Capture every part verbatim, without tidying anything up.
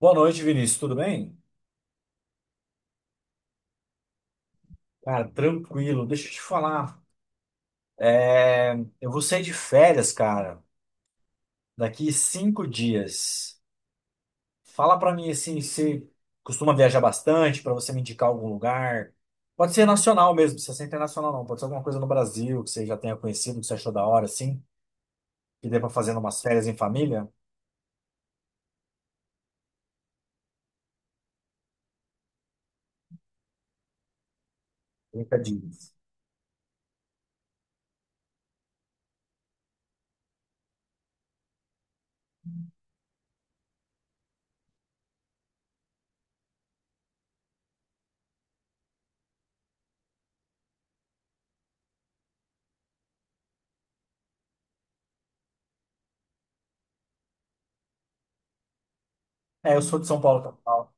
Boa noite, Vinícius. Tudo bem? Cara, tranquilo. Deixa eu te falar. É, Eu vou sair de férias, cara, daqui cinco dias. Fala pra mim assim, se costuma viajar bastante, pra você me indicar algum lugar. Pode ser nacional mesmo, não precisa ser internacional não. Pode ser alguma coisa no Brasil que você já tenha conhecido, que você achou da hora, assim, que dê pra fazer umas férias em família. trinta dias. É, eu sou de São Paulo, capital.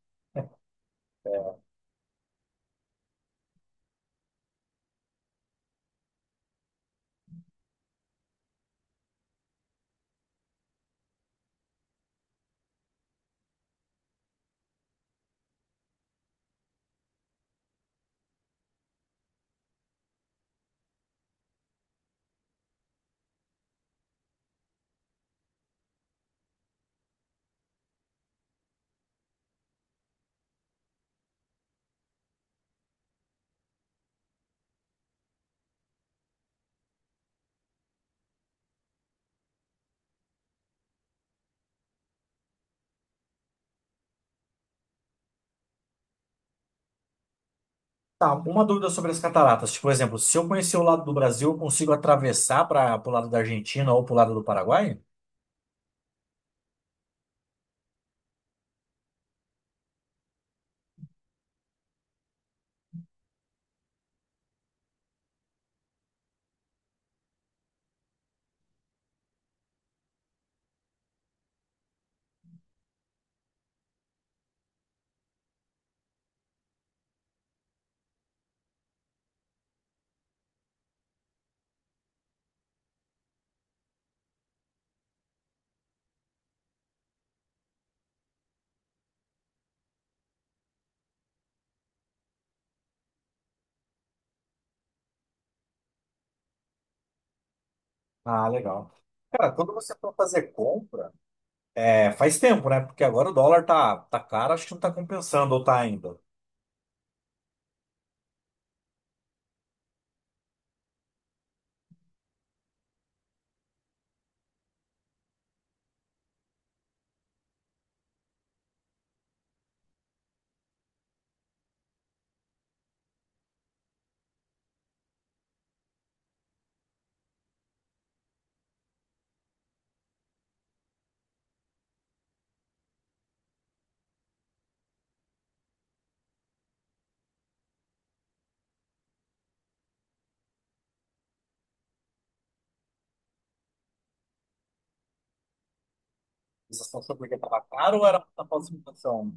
Tá, uma dúvida sobre as cataratas. Tipo, por exemplo, se eu conhecer o lado do Brasil, eu consigo atravessar para o lado da Argentina ou para o lado do Paraguai? Ah, legal. Cara, quando você for fazer compra, é, faz tempo, né? Porque agora o dólar tá, tá caro, acho que não tá compensando ou tá ainda. Vocês estão sabendo porque tava caro ou era por causa da inflação?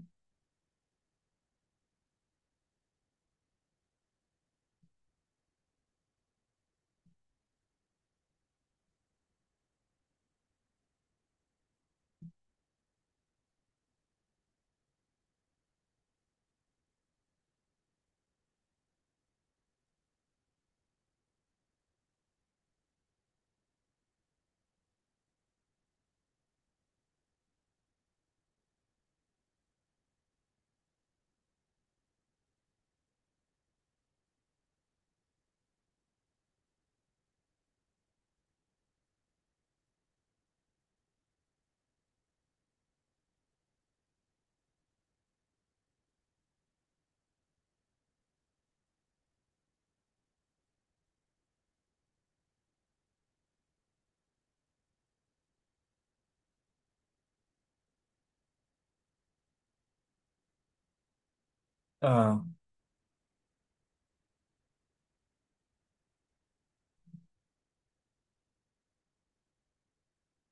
Ah.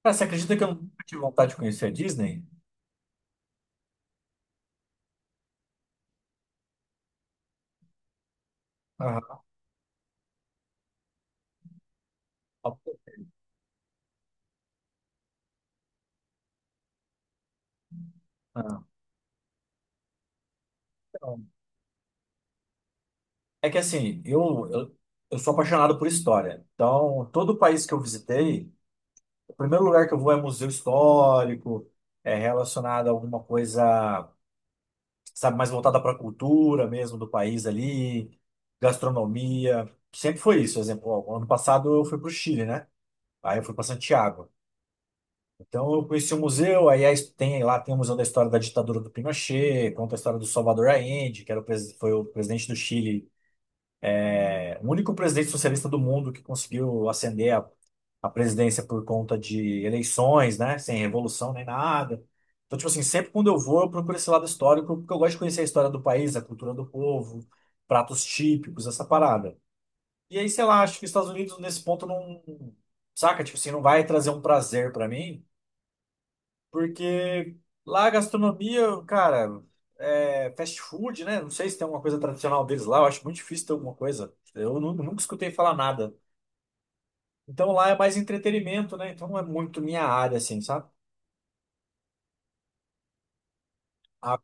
Cara, você acredita que eu nunca tive vontade de conhecer a Disney? Ah. Ah. É que assim, eu, eu, eu sou apaixonado por história. Então, todo país que eu visitei, o primeiro lugar que eu vou é museu histórico, é relacionado a alguma coisa, sabe, mais voltada para a cultura mesmo do país ali, gastronomia. Sempre foi isso. Exemplo, ó, ano passado eu fui para o Chile, né? Aí eu fui para Santiago. Então eu conheci o museu, aí é a his- tem lá, tem o Museu da História da Ditadura do Pinochet, conta a história do Salvador Allende, que era o pres- foi o presidente do Chile. É, o único presidente socialista do mundo que conseguiu ascender a, a presidência por conta de eleições, né? Sem revolução nem nada. Então, tipo assim, sempre quando eu vou, eu procuro esse lado histórico, porque eu gosto de conhecer a história do país, a cultura do povo, pratos típicos, essa parada. E aí, sei lá, acho que os Estados Unidos nesse ponto não, saca? Tipo assim, não vai trazer um prazer pra mim, porque lá a gastronomia, cara, é fast food, né? Não sei se tem alguma coisa tradicional deles lá, eu acho muito difícil ter alguma coisa. Eu nu- nunca escutei falar nada. Então lá é mais entretenimento, né? Então não é muito minha área, assim, sabe? Ah,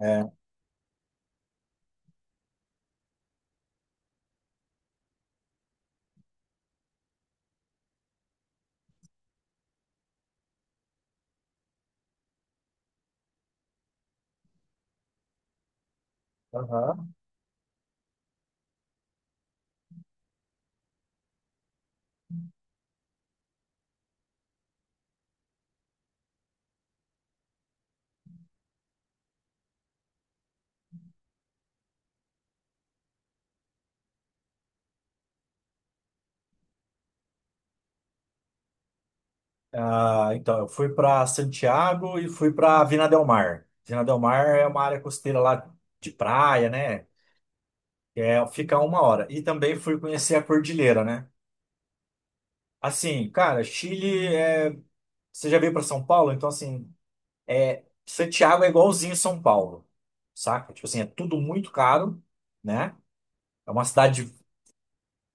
é. Aham. Ah, então, eu fui para Santiago e fui para Vina del Mar. Vina del Mar é uma área costeira lá, de praia, né? É, fica a uma hora. E também fui conhecer a cordilheira, né? Assim, cara, Chile é. Você já veio para São Paulo? Então, assim, é, Santiago é igualzinho São Paulo, saca? Tipo assim, é tudo muito caro, né? É uma cidade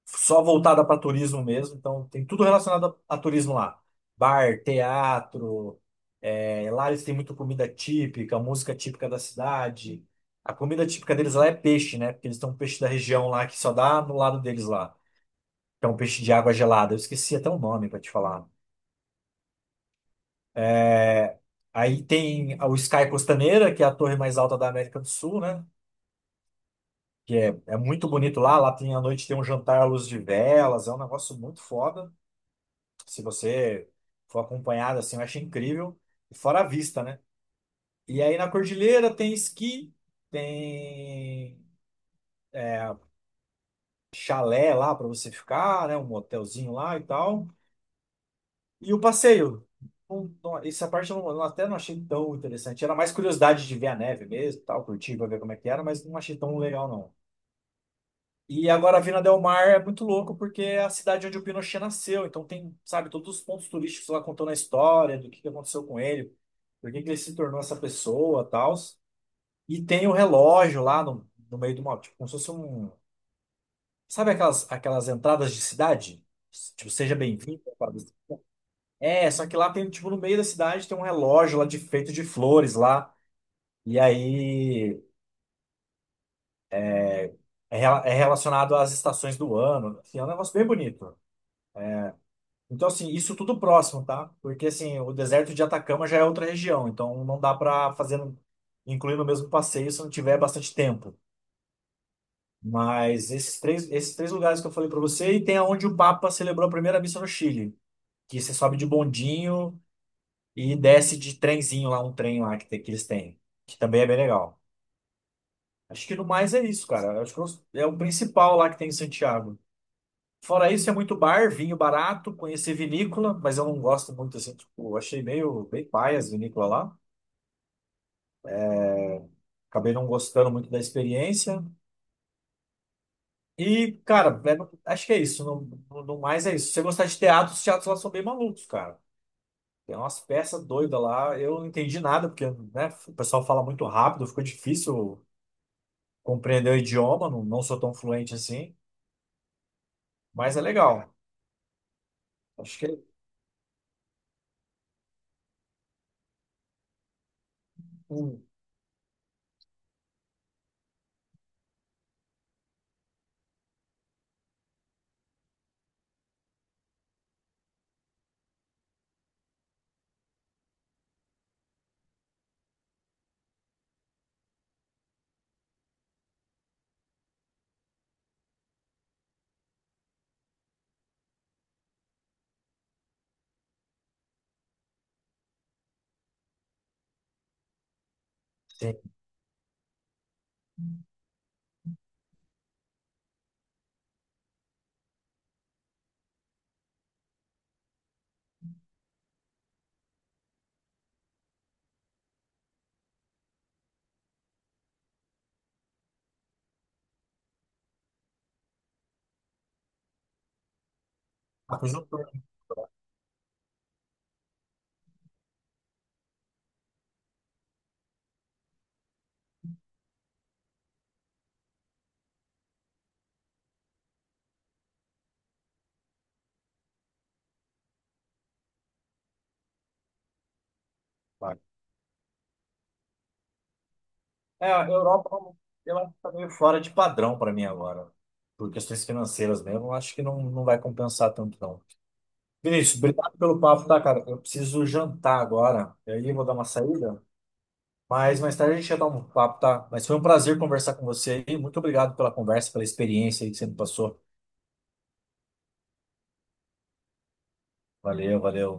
só voltada para turismo mesmo, então tem tudo relacionado a, a turismo lá. Bar, teatro, é, lá eles têm muita comida típica, música típica da cidade. A comida típica deles lá é peixe, né? Porque eles têm um peixe da região lá que só dá no lado deles lá, que é um peixe de água gelada. Eu esqueci até o nome para te falar. Eh, Aí tem o Sky Costaneira, que é a torre mais alta da América do Sul, né? Que é, é muito bonito lá. Lá tem, à noite tem um jantar à luz de velas, é um negócio muito foda. Se você for acompanhado, assim, eu acho incrível. E fora a vista, né? E aí na Cordilheira tem esqui, tem é, chalé lá para você ficar, né? Um hotelzinho lá e tal. E o passeio. Não- não- essa parte eu não- eu até não achei tão interessante. Era mais curiosidade de ver a neve mesmo, e tal, curtir para ver como é que era, mas não achei tão legal, não. E agora Vina Del Mar é muito louco porque é a cidade onde o Pinochet nasceu. Então tem, sabe, todos os pontos turísticos lá contando a história do que que aconteceu com ele, por que que ele se tornou essa pessoa, tal. E tem o relógio lá no, no meio do mal, tipo, como se fosse um, sabe aquelas aquelas entradas de cidade? Tipo, seja bem-vindo. É, só que lá tem, tipo, no meio da cidade tem um relógio lá de feito de flores lá. E aí é, rela- é relacionado às estações do ano. Assim, é um negócio bem bonito. Então, assim, isso tudo próximo, tá? Porque, assim, o deserto de Atacama já é outra região, então não dá pra fazer, no- incluir no mesmo passeio se não tiver bastante tempo. Mas esses três, esses três lugares que eu falei pra você, e tem aonde o Papa celebrou a primeira missa no Chile, que você sobe de bondinho e desce de trenzinho lá, um trem lá que, tem- que eles têm, que também é bem legal. Acho que no mais é isso, cara. Acho que é o principal lá que tem em Santiago. Fora isso, é muito bar, vinho barato, conheci vinícola, mas eu não gosto muito assim, tipo, eu achei meio bem paia as vinícolas lá. Acabei não gostando muito da experiência. E, cara, é- acho que é isso. No, no mais é isso. Se você gostar de teatro, os teatros lá são bem malucos, cara. Tem umas peças doidas lá. Eu não entendi nada, porque, né, o pessoal fala muito rápido, ficou difícil compreender o idioma, não, não sou tão fluente assim, mas é legal. Acho que é. Hum, sim. Ah, pois eu tô. É, a Europa, eu acho que tá meio fora de padrão para mim agora. Por questões financeiras mesmo, eu acho que não, não vai compensar tanto, não. Vinícius, obrigado pelo papo, tá, cara? Eu preciso jantar agora. E aí eu vou dar uma saída. Mas mais tarde a gente já dar um papo, tá? Mas foi um prazer conversar com você aí. Muito obrigado pela conversa, pela experiência aí que você me passou. Valeu, valeu.